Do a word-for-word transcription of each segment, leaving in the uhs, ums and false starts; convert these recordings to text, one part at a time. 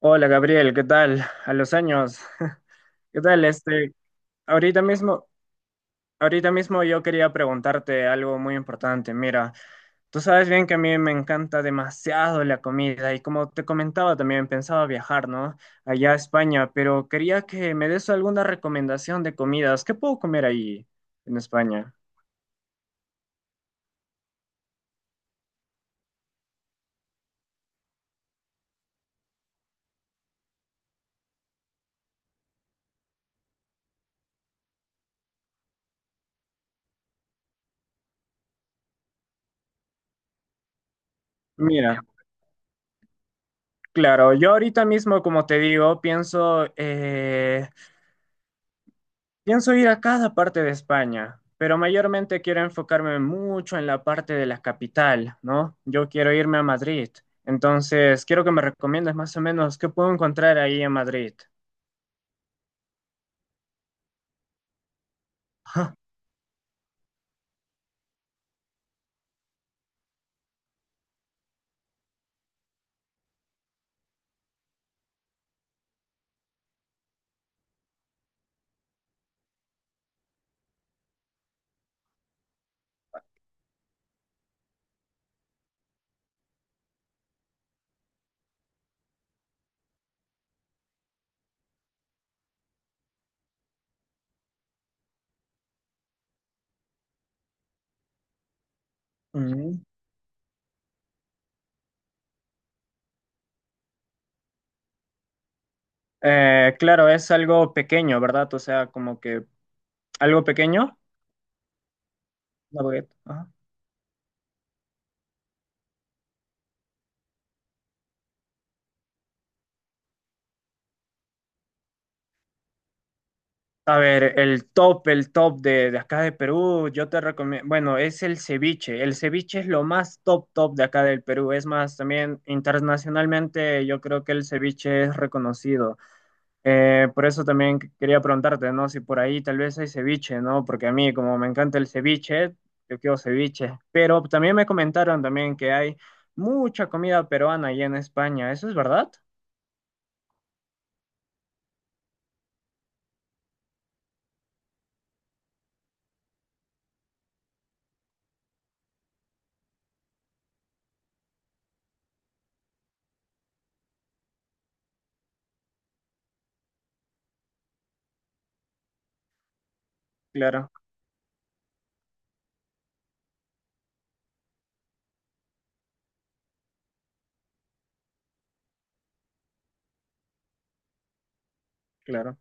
Hola Gabriel, ¿qué tal? A los años. ¿Qué tal? Este, ahorita mismo, ahorita mismo yo quería preguntarte algo muy importante. Mira, tú sabes bien que a mí me encanta demasiado la comida y como te comentaba también pensaba viajar, ¿no? Allá a España, pero quería que me des alguna recomendación de comidas. ¿Qué puedo comer ahí en España? Mira, claro, yo ahorita mismo, como te digo, pienso eh, Pienso ir a cada parte de España, pero mayormente quiero enfocarme mucho en la parte de la capital, ¿no? Yo quiero irme a Madrid, entonces quiero que me recomiendes más o menos qué puedo encontrar ahí en Madrid. Ajá. Ujú. Eh, claro, es algo pequeño, ¿verdad? O sea, como que algo pequeño. La baguette. Ajá. A ver, el top, el top de, de acá de Perú, yo te recomiendo, bueno, es el ceviche. El ceviche es lo más top, top de acá del Perú. Es más, también internacionalmente yo creo que el ceviche es reconocido. Eh, por eso también quería preguntarte, ¿no? Si por ahí tal vez hay ceviche, ¿no? Porque a mí, como me encanta el ceviche, yo quiero ceviche. Pero también me comentaron también que hay mucha comida peruana allá en España. ¿Eso es verdad? Claro, claro.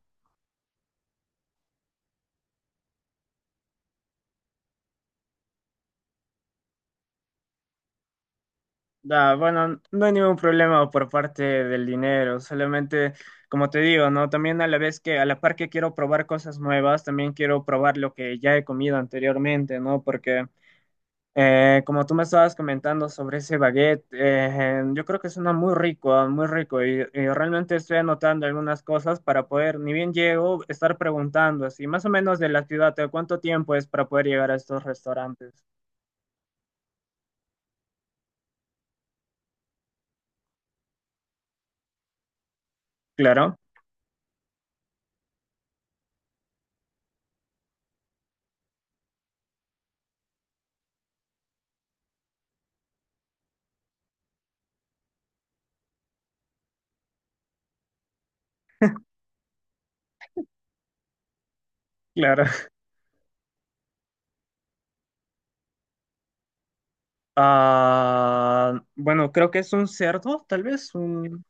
Da, bueno, no hay ningún problema por parte del dinero, solamente, como te digo, ¿no? También a la vez que, a la par que quiero probar cosas nuevas, también quiero probar lo que ya he comido anteriormente, ¿no? Porque, eh, como tú me estabas comentando sobre ese baguette, eh, yo creo que suena muy rico, ah, muy rico, y, y realmente estoy anotando algunas cosas para poder, ni bien llego, estar preguntando así, más o menos de la ciudad, ¿de cuánto tiempo es para poder llegar a estos restaurantes? Claro, claro. Ah, bueno, creo que es un cerdo, tal vez. un-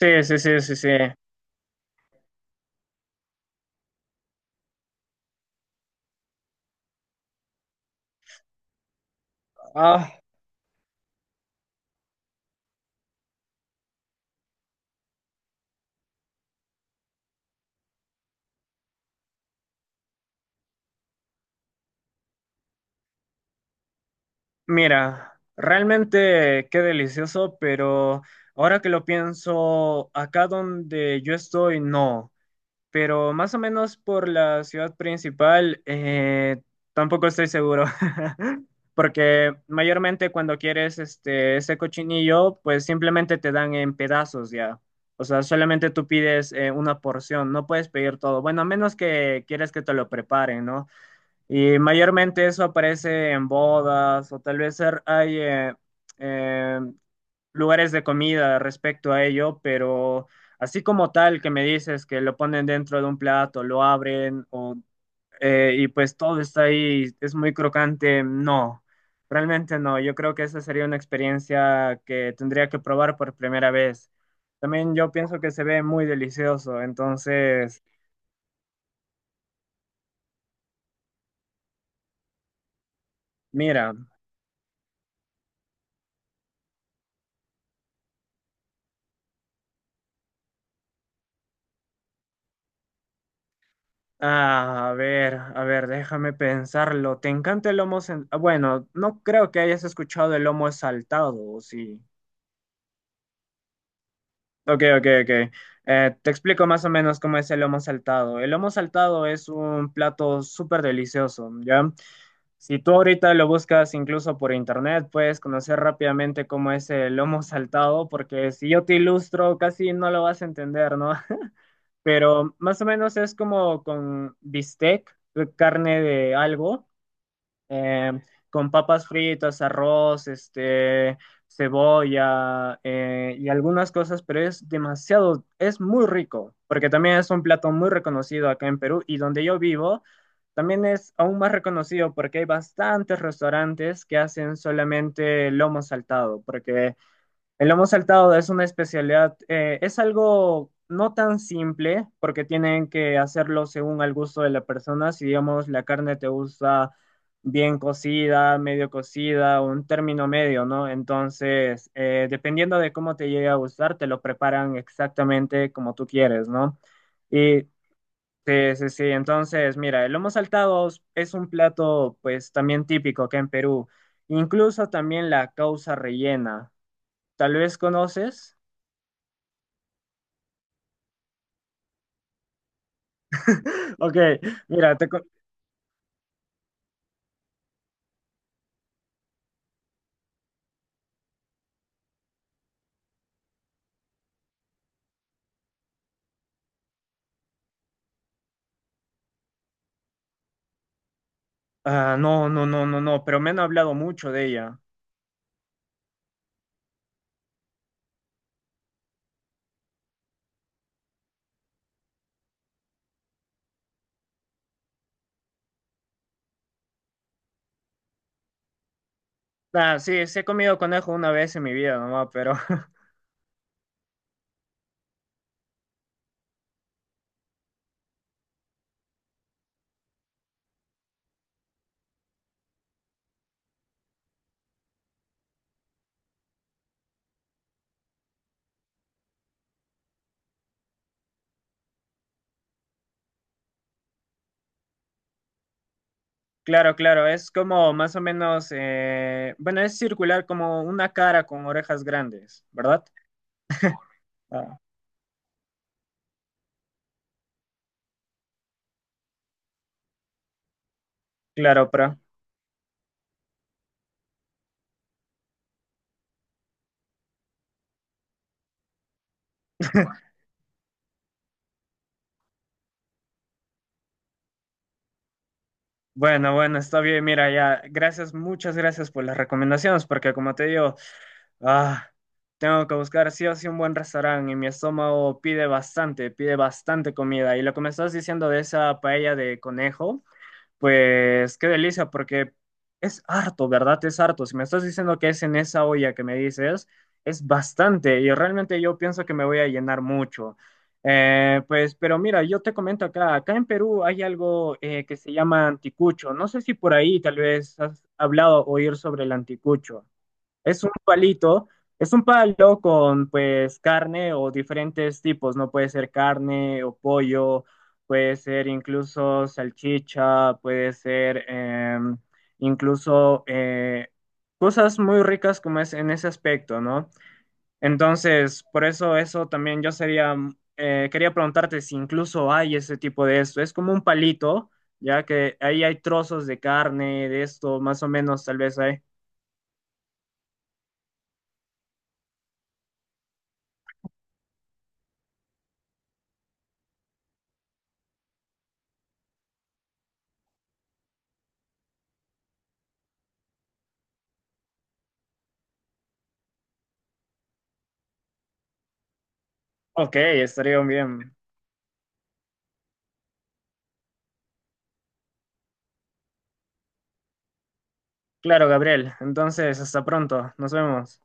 Sí, sí, sí, sí, sí. Ah, mira, realmente qué delicioso, pero ahora que lo pienso, acá donde yo estoy, no. Pero más o menos por la ciudad principal, eh, tampoco estoy seguro. Porque mayormente cuando quieres este, ese cochinillo, pues simplemente te dan en pedazos ya. O sea, solamente tú pides eh, una porción, no puedes pedir todo. Bueno, a menos que quieres que te lo preparen, ¿no? Y mayormente eso aparece en bodas o tal vez er- hay eh, eh, lugares de comida respecto a ello, pero así como tal que me dices que lo ponen dentro de un plato, lo abren o, eh, y pues todo está ahí, es muy crocante, no, realmente no. Yo creo que esa sería una experiencia que tendría que probar por primera vez. También yo pienso que se ve muy delicioso, entonces, mira, ah, a ver, a ver, déjame pensarlo. ¿Te encanta el lomo? sen- ah, Bueno, no creo que hayas escuchado el lomo saltado, ¿o sí? Ok, ok, ok. Eh, te explico más o menos cómo es el lomo saltado. El lomo saltado es un plato súper delicioso, ¿ya? Si tú ahorita lo buscas incluso por internet, puedes conocer rápidamente cómo es el lomo saltado, porque si yo te ilustro, casi no lo vas a entender, ¿no? Pero más o menos es como con bistec, carne de algo em, con papas fritas, arroz, este, cebolla eh, y algunas cosas, pero es demasiado, es muy rico, porque también es un plato muy reconocido acá en Perú y donde yo vivo también es aún más reconocido porque hay bastantes restaurantes que hacen solamente lomo saltado, porque el lomo saltado es una especialidad, eh, es algo no tan simple porque tienen que hacerlo según al gusto de la persona. Si digamos la carne te gusta bien cocida, medio cocida, un término medio, ¿no? Entonces, eh, dependiendo de cómo te llegue a gustar, te lo preparan exactamente como tú quieres, ¿no? Y sí, sí, sí. Entonces, mira, el lomo saltado es un plato, pues, también típico acá en Perú. Incluso también la causa rellena. Tal vez conoces. Ok, mira, te... co- Ah, no, no, no, no, no, pero me han hablado mucho de ella. Ah, sí, sí he comido conejo una vez en mi vida nomás, pero claro, claro, es como más o menos, eh, bueno, es circular como una cara con orejas grandes, ¿verdad? Ah, claro, pero bueno, bueno, está bien, mira, ya, gracias, muchas gracias por las recomendaciones, porque como te digo, Ah, tengo que buscar sí o sí un buen restaurante y mi estómago pide bastante, pide bastante comida. Y lo que me estás diciendo de esa paella de conejo, pues qué delicia, porque es harto, ¿verdad? Es harto. Si me estás diciendo que es en esa olla que me dices, es bastante y realmente yo pienso que me voy a llenar mucho. Eh, pues, pero mira, yo te comento acá, acá en Perú hay algo eh, que se llama anticucho. No sé si por ahí tal vez has hablado o oír sobre el anticucho. Es un palito, es un palo con pues carne o diferentes tipos, no puede ser carne o pollo, puede ser incluso salchicha, puede ser eh, incluso eh, cosas muy ricas como es en ese aspecto, ¿no? Entonces, por eso eso también yo sería, mm, eh, quería preguntarte si incluso hay ese tipo de esto, es como un palito, ya que ahí hay trozos de carne, de esto, más o menos tal vez hay. Ok, estaría bien. Claro, Gabriel. Entonces, hasta pronto. Nos vemos.